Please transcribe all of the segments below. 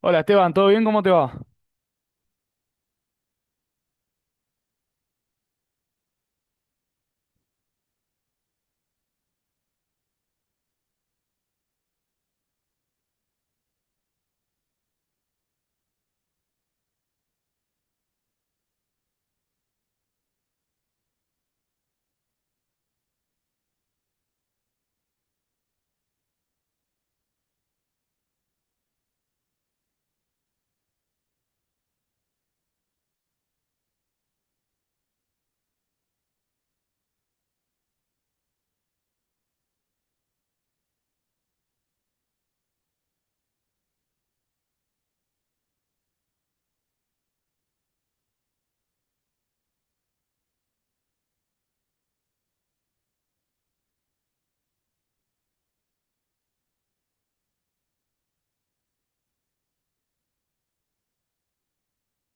Hola Esteban, ¿todo bien? ¿Cómo te va?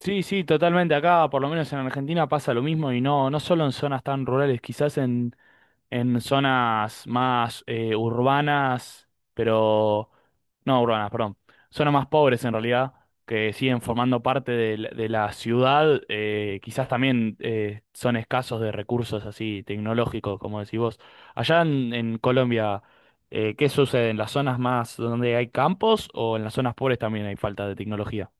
Sí, sí, totalmente. Acá, por lo menos en Argentina, pasa lo mismo y no, no solo en zonas tan rurales, quizás en zonas más urbanas, pero no urbanas, perdón, zonas más pobres en realidad, que siguen formando parte de la ciudad, quizás también son escasos de recursos así tecnológicos, como decís vos. Allá en Colombia, ¿qué sucede? ¿En las zonas más donde hay campos o en las zonas pobres también hay falta de tecnología?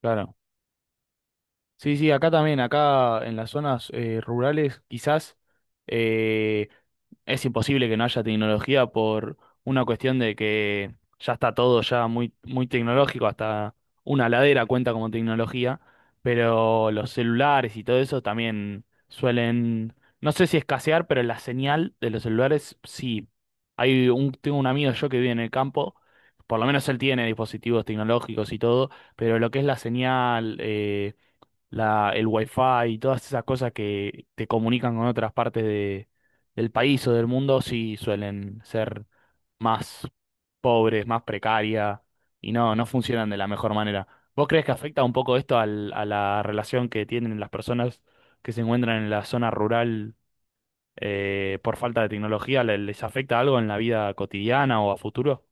Claro. Sí, sí, acá también, acá en las zonas rurales quizás eh, es imposible que no haya tecnología por una cuestión de que ya está todo ya muy, muy tecnológico, hasta una ladera cuenta como tecnología, pero los celulares y todo eso también suelen, no sé si escasear, pero la señal de los celulares sí. Tengo un amigo yo que vive en el campo, por lo menos él tiene dispositivos tecnológicos y todo, pero lo que es la señal... el wifi y todas esas cosas que te comunican con otras partes de, del país o del mundo, sí suelen ser más pobres, más precarias y no, no funcionan de la mejor manera. ¿Vos crees que afecta un poco esto a la relación que tienen las personas que se encuentran en la zona rural por falta de tecnología? Les afecta algo en la vida cotidiana o a futuro?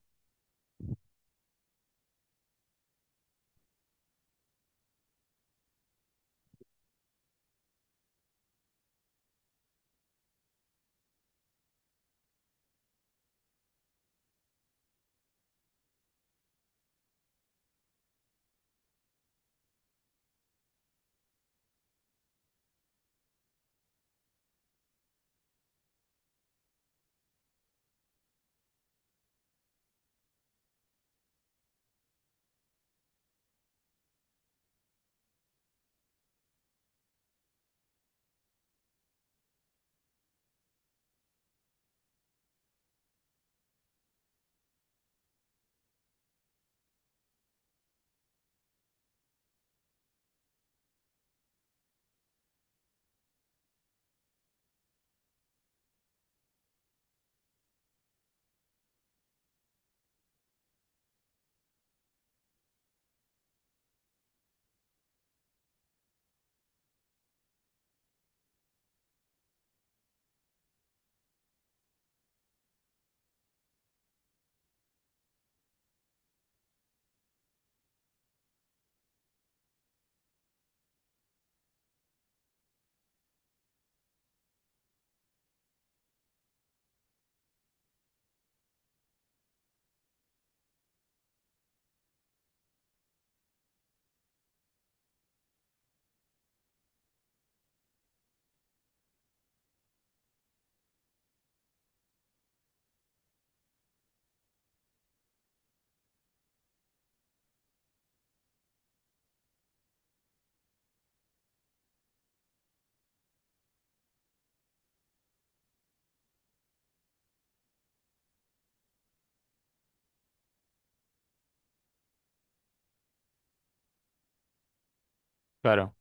Claro.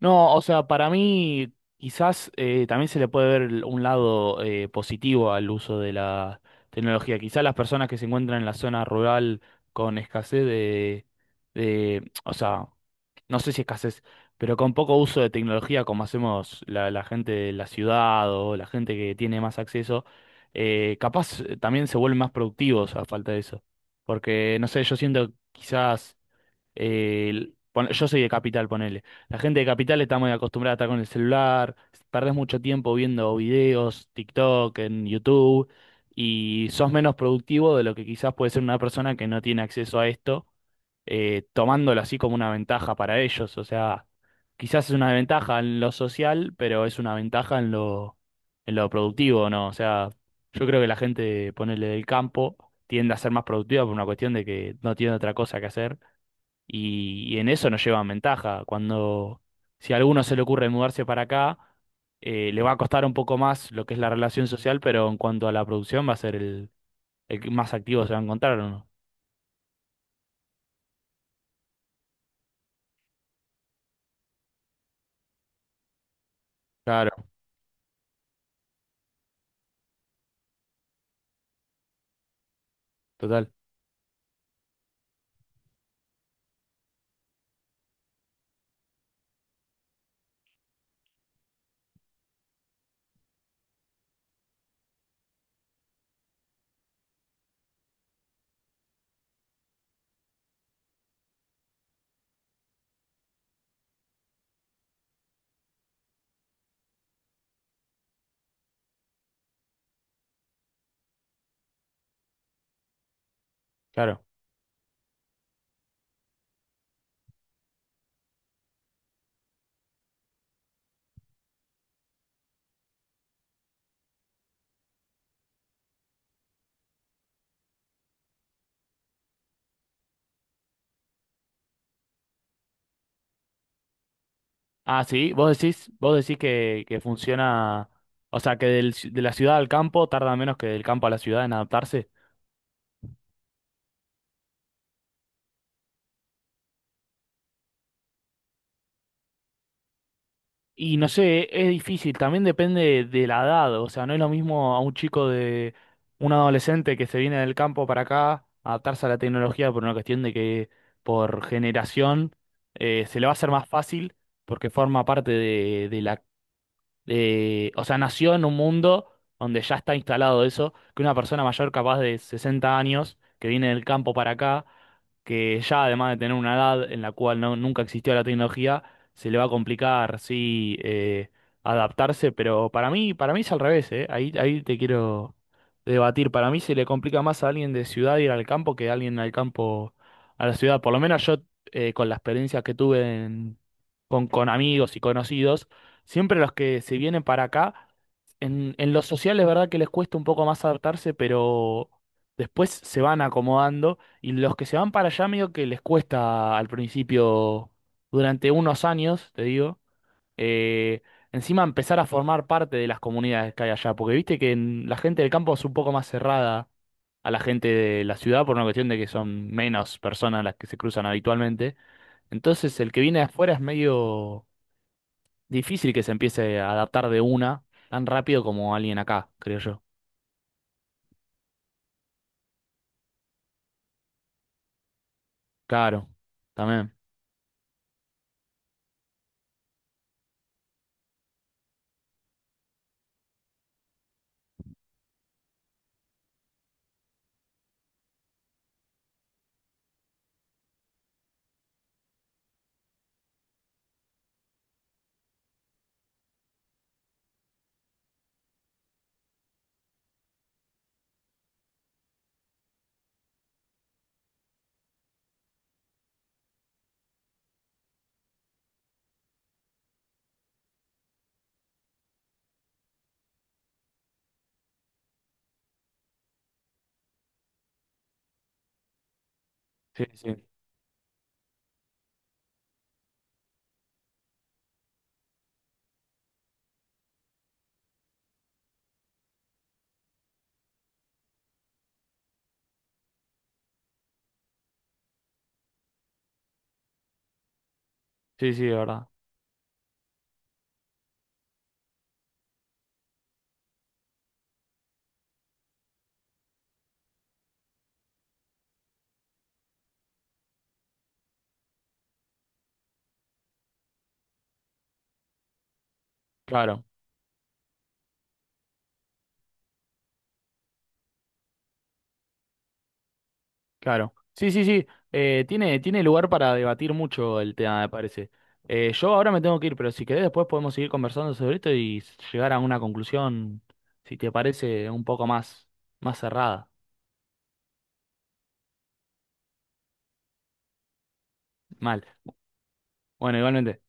No, o sea, para mí quizás también se le puede ver un lado positivo al uso de la tecnología. Quizás las personas que se encuentran en la zona rural con escasez de, o sea, no sé si escasez, pero con poco uso de tecnología como hacemos la gente de la ciudad o la gente que tiene más acceso, capaz también se vuelven más productivos a falta de eso. Porque, no sé, yo siento quizás yo soy de Capital, ponele. La gente de Capital está muy acostumbrada a estar con el celular, perdés mucho tiempo viendo videos, TikTok, en YouTube, y sos menos productivo de lo que quizás puede ser una persona que no tiene acceso a esto, tomándolo así como una ventaja para ellos. O sea, quizás es una ventaja en lo social, pero es una ventaja en lo productivo, ¿no? O sea, yo creo que la gente, ponele del campo, tiende a ser más productiva por una cuestión de que no tiene otra cosa que hacer y en eso nos llevan ventaja. Cuando, si a alguno se le ocurre mudarse para acá, le va a costar un poco más lo que es la relación social, pero en cuanto a la producción va a ser el que más activo se va a encontrar, ¿o no? Claro, total, claro. Ah, sí, vos decís que funciona, o sea, que de la ciudad al campo tarda menos que del campo a la ciudad en adaptarse. Y no sé, es difícil, también depende de la edad, o sea, no es lo mismo a un chico de un adolescente que se viene del campo para acá, adaptarse a la tecnología por una cuestión de que por generación se le va a hacer más fácil porque forma parte de la o sea, nació en un mundo donde ya está instalado eso, que una persona mayor capaz de 60 años, que viene del campo para acá, que ya además de tener una edad en la cual no, nunca existió la tecnología, se le va a complicar, sí, adaptarse, pero para mí es al revés, ¿eh? Ahí te quiero debatir. Para mí se le complica más a alguien de ciudad ir al campo que a alguien al campo a la ciudad. Por lo menos yo, con la experiencia que tuve con amigos y conocidos, siempre los que se vienen para acá, en lo social es verdad que les cuesta un poco más adaptarse, pero después se van acomodando y los que se van para allá medio que les cuesta al principio, durante unos años, te digo, eh, encima empezar a formar parte de las comunidades que hay allá, porque viste que la gente del campo es un poco más cerrada a la gente de la ciudad por una cuestión de que son menos personas las que se cruzan habitualmente. Entonces el que viene de afuera es medio difícil que se empiece a adaptar de una tan rápido como alguien acá, creo yo. Claro, también. Sí, sí. Sí, sí, de verdad. Claro, claro. Sí, sí, sí. Tiene, tiene lugar para debatir mucho el tema, me parece. Yo ahora me tengo que ir, pero si querés después podemos seguir conversando sobre esto y llegar a una conclusión, si te parece, un poco más, más cerrada. Mal. Bueno, igualmente.